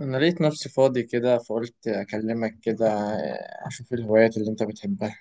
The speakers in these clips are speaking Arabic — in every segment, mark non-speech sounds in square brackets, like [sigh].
أنا لقيت نفسي فاضي كده فقلت أكلمك كده أشوف الهوايات اللي أنت بتحبها.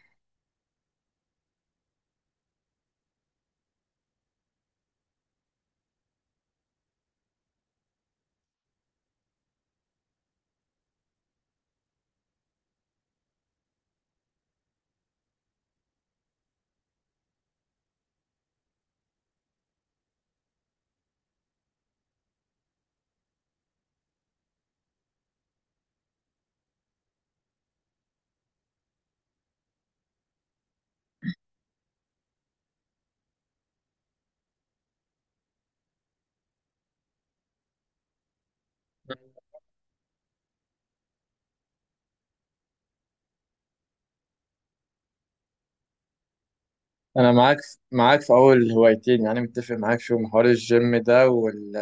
أنا معاك في أول هوايتين، يعني متفق معاك. شو محور الجيم ده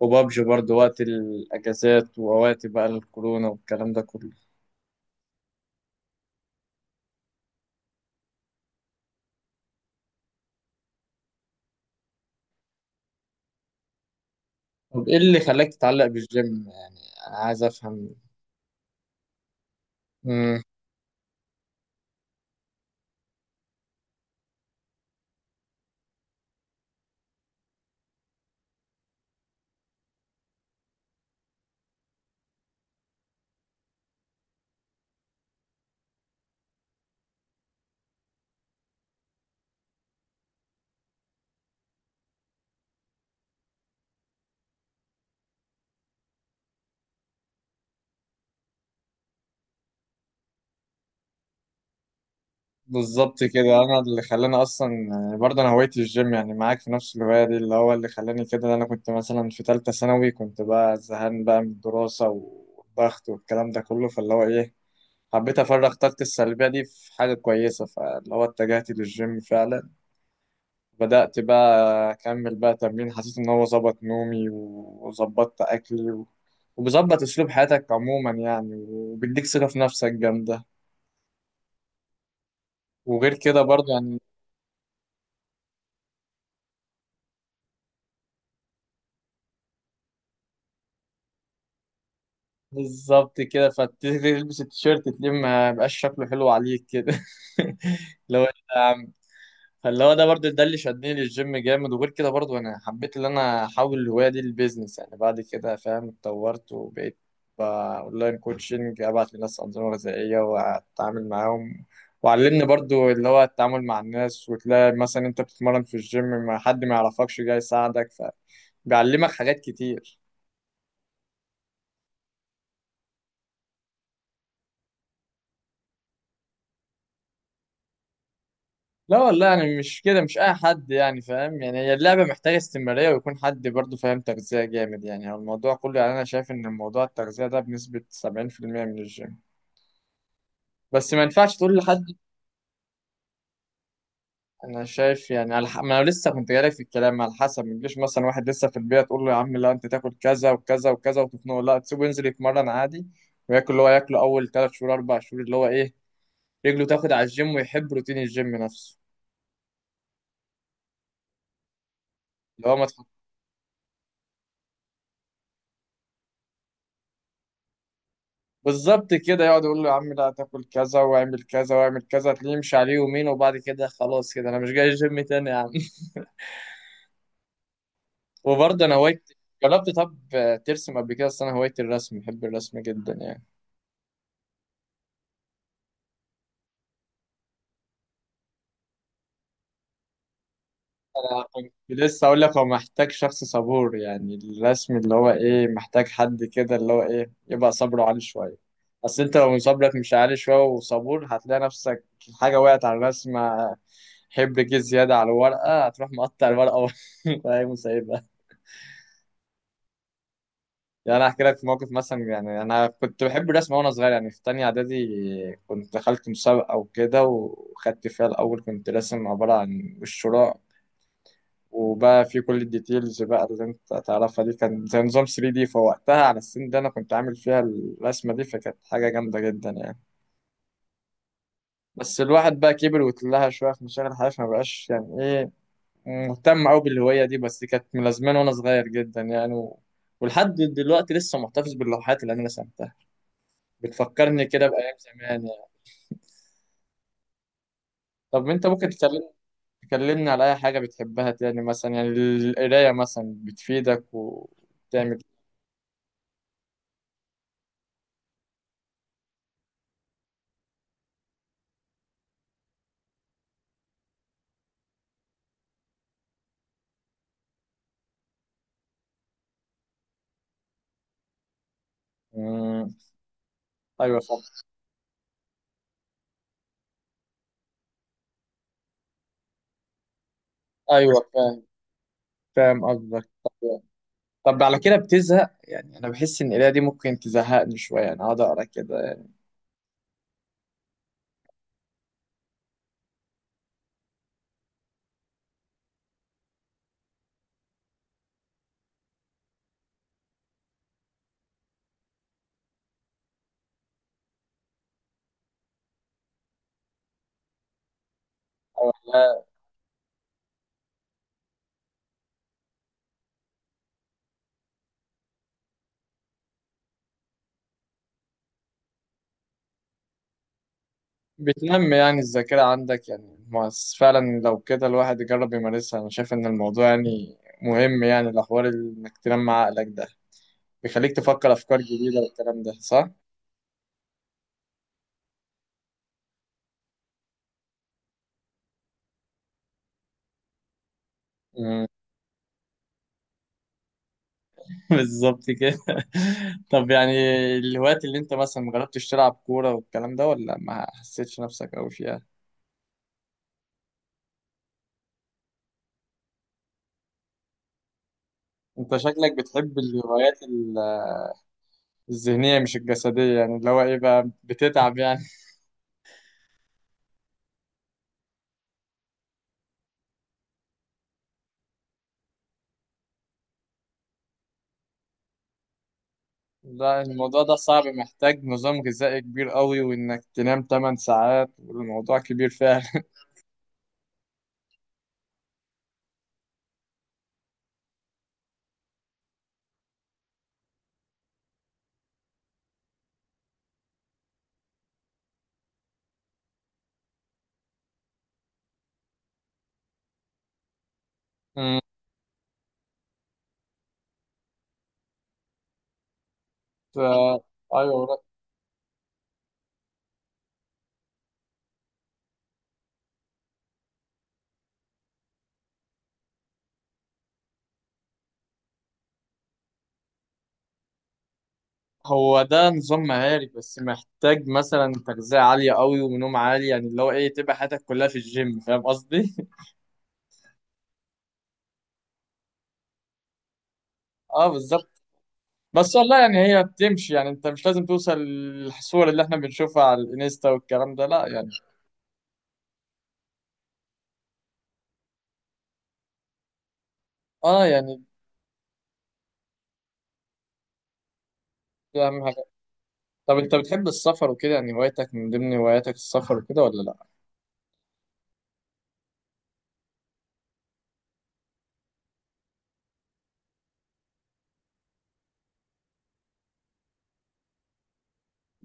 وبابجي برضه وقت الأجازات ووقت بقى الكورونا والكلام ده كله. طب إيه اللي خلاك تتعلق بالجيم يعني؟ أنا عايز أفهم. بالظبط كده، انا اللي خلاني اصلا يعني، برضه انا هوايتي الجيم، يعني معاك في نفس الهوايه دي. اللي هو اللي خلاني كده إن انا كنت مثلا في ثالثه ثانوي، كنت بقى زهقان بقى من الدراسه والضغط والكلام ده كله، فاللي هو ايه حبيت افرغ طاقتي السلبيه دي في حاجه كويسه، فاللي هو اتجهت للجيم فعلا. بدات بقى اكمل بقى تمرين، حسيت ان هو ظبط نومي وظبطت اكلي وبيظبط اسلوب حياتك عموما يعني، وبيديك ثقه في نفسك جامده. وغير كده برضه يعني، بالظبط كده، فتلبس التيشيرت تلاقيه ما بقاش شكله حلو عليك كده [laughs] اللي هو إيه ده يا عم. فاللي هو ده برضه ده اللي شدني للجيم جامد، وغير كده برضه انا حبيت ان انا احول الهوايه دي للبيزنس يعني بعد كده فاهم، اتطورت وبقيت اونلاين كوتشنج، ابعت لناس انظمه غذائيه واتعامل معاهم. وعلمني برضه اللي هو التعامل مع الناس، وتلاقي مثلا انت بتتمرن في الجيم ما حد ما يعرفكش جاي يساعدك، فبيعلمك حاجات كتير. لا والله يعني مش كده، مش اي حد يعني فاهم، يعني هي اللعبه محتاجه استمراريه ويكون حد برضه فاهم تغذيه جامد يعني. هو الموضوع كله يعني، انا شايف ان الموضوع التغذيه ده بنسبه 70% من الجيم. بس ما ينفعش تقول لحد. انا شايف يعني ما انا لسه كنت جاي في الكلام، على حسب ما تجيش مثلا واحد لسه في البيئه تقول له يا عم لا انت تاكل كذا وكذا وكذا وتخنقه، لا تسيبه ينزل يتمرن عادي وياكل اللي هو ياكله. اول ثلاث شهور اربع شهور اللي هو ايه، رجله تاخد على الجيم ويحب روتين الجيم نفسه. اللي هو ما بالظبط كده، يقعد يقول له يا عم لا تاكل كذا واعمل كذا واعمل كذا، تلاقيه يمشي عليه يومين وبعد كده خلاص كده انا مش جاي الجيم تاني يا عم. [laughs] وبرضه انا هوايت، جربت طب ترسم قبل كده؟ اصل انا هوايتي الرسم، بحب الرسم جدا يعني. انا كنت لسه اقول لك هو محتاج شخص صبور يعني، الرسم اللي هو ايه محتاج حد كده اللي هو ايه يبقى صبره عالي شويه، اصل انت لو صبرك مش عالي شويه وصبور هتلاقي نفسك حاجه وقعت على الرسمه، حبر جه زياده على الورقه هتروح مقطع الورقه [laughs] وهي مسيبها. يعني انا احكي لك في موقف مثلا، يعني انا كنت بحب الرسم وانا صغير يعني في تانية اعدادي، كنت دخلت مسابقة وكده وخدت فيها الاول، كنت راسم عبارة عن وش راء، وبقى في كل الديتيلز بقى اللي انت تعرفها دي، كان زي نظام 3 دي، فوقتها على السن ده انا كنت عامل فيها الرسمة دي فكانت حاجة جامدة جدا يعني. بس الواحد بقى كبر واتلهى شوية في مشاغل الحياة، فما بقاش يعني ايه مهتم قوي بالهواية دي، بس كانت ملازماني وانا صغير جدا يعني ولحد دلوقتي لسه محتفظ باللوحات اللي انا رسمتها، بتفكرني كده بأيام زمان يعني. طب انت ممكن تكلمني على أي حاجة بتحبها تاني مثلا، يعني القراية مثلا بتفيدك وبتعمل. مم. أيوه فاهم. أيوه فاهم، فاهم قصدك. طب طب على كده بتزهق يعني؟ أنا بحس إن القراية دي ممكن تزهقني شوية يعني، أقعد أقرا كده يعني أو لا؟ بتنمي يعني الذاكرة عندك يعني، ما بس فعلا لو كده الواحد يجرب يمارسها. أنا شايف إن الموضوع يعني مهم، يعني الأحوال إنك تنمي عقلك ده بيخليك تفكر أفكار جديدة والكلام ده، صح؟ مم. [laughs] بالظبط كده. [laughs] طب يعني الوقت اللي انت مثلا مجربتش تلعب كورة والكلام ده، ولا ما حسيتش نفسك أوي فيها؟ انت شكلك بتحب الهوايات الذهنية مش الجسدية، يعني اللي هو ايه بقى بتتعب يعني. لا الموضوع ده صعب، محتاج نظام غذائي كبير قوي وانك تنام 8 ساعات، والموضوع كبير فعلا. [laughs] مم. ف... ايوه لا، هو ده نظام مهاري بس محتاج مثلا تغذية عالية قوي ونوم عالي، يعني اللي هو ايه تبقى حياتك كلها في الجيم، فاهم قصدي؟ اه بالظبط. بس والله يعني هي بتمشي، يعني انت مش لازم توصل للصور اللي احنا بنشوفها على الانستا والكلام ده، لا يعني. اه يعني دي اهم حاجه. طب انت بتحب السفر وكده يعني؟ هوايتك من ضمن هواياتك السفر وكده ولا لا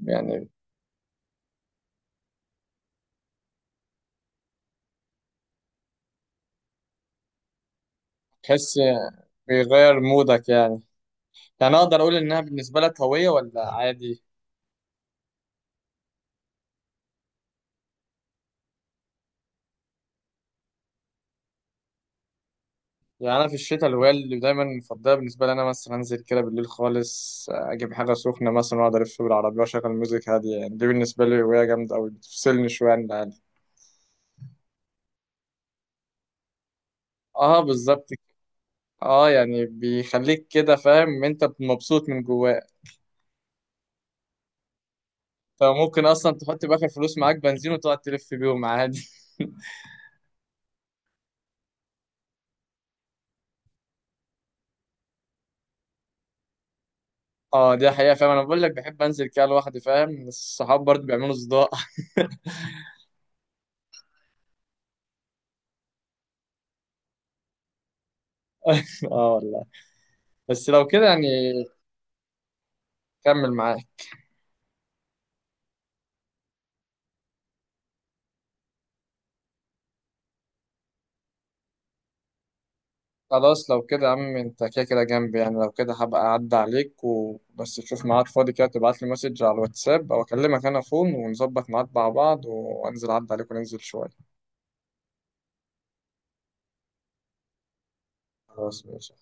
يعني؟ تحس بيغير مودك يعني؟ يعني اقدر اقول انها بالنسبه لك هويه ولا عادي؟ يعني انا في الشتاء الهوايه اللي دايما مفضله بالنسبه لي، انا مثلا انزل كده بالليل خالص اجيب حاجه سخنه مثلا واقعد الف بالعربيه واشغل ميوزك هاديه، يعني دي بالنسبه لي هوايه جامده قوي بتفصلني شويه عن العالم. اه بالظبط. اه يعني بيخليك كده فاهم ان انت مبسوط من جواك، فممكن اصلا تحط باخر فلوس معاك بنزين وتقعد تلف بيهم عادي. [laughs] اه دي حقيقة، فاهم انا بقول لك بحب انزل كده لوحدي، فاهم الصحاب برضه بيعملوا صداع. [laughs] اه والله. بس لو كده يعني كمل معاك. خلاص لو كده يا عم انت كده كده جنبي، يعني لو كده هبقى اعدي عليك، وبس تشوف ميعاد فاضي كده تبعت لي مسج على الواتساب او اكلمك انا فون، ونظبط ميعاد مع بعض وانزل اعدي عليك وننزل شوية. خلاص ماشي.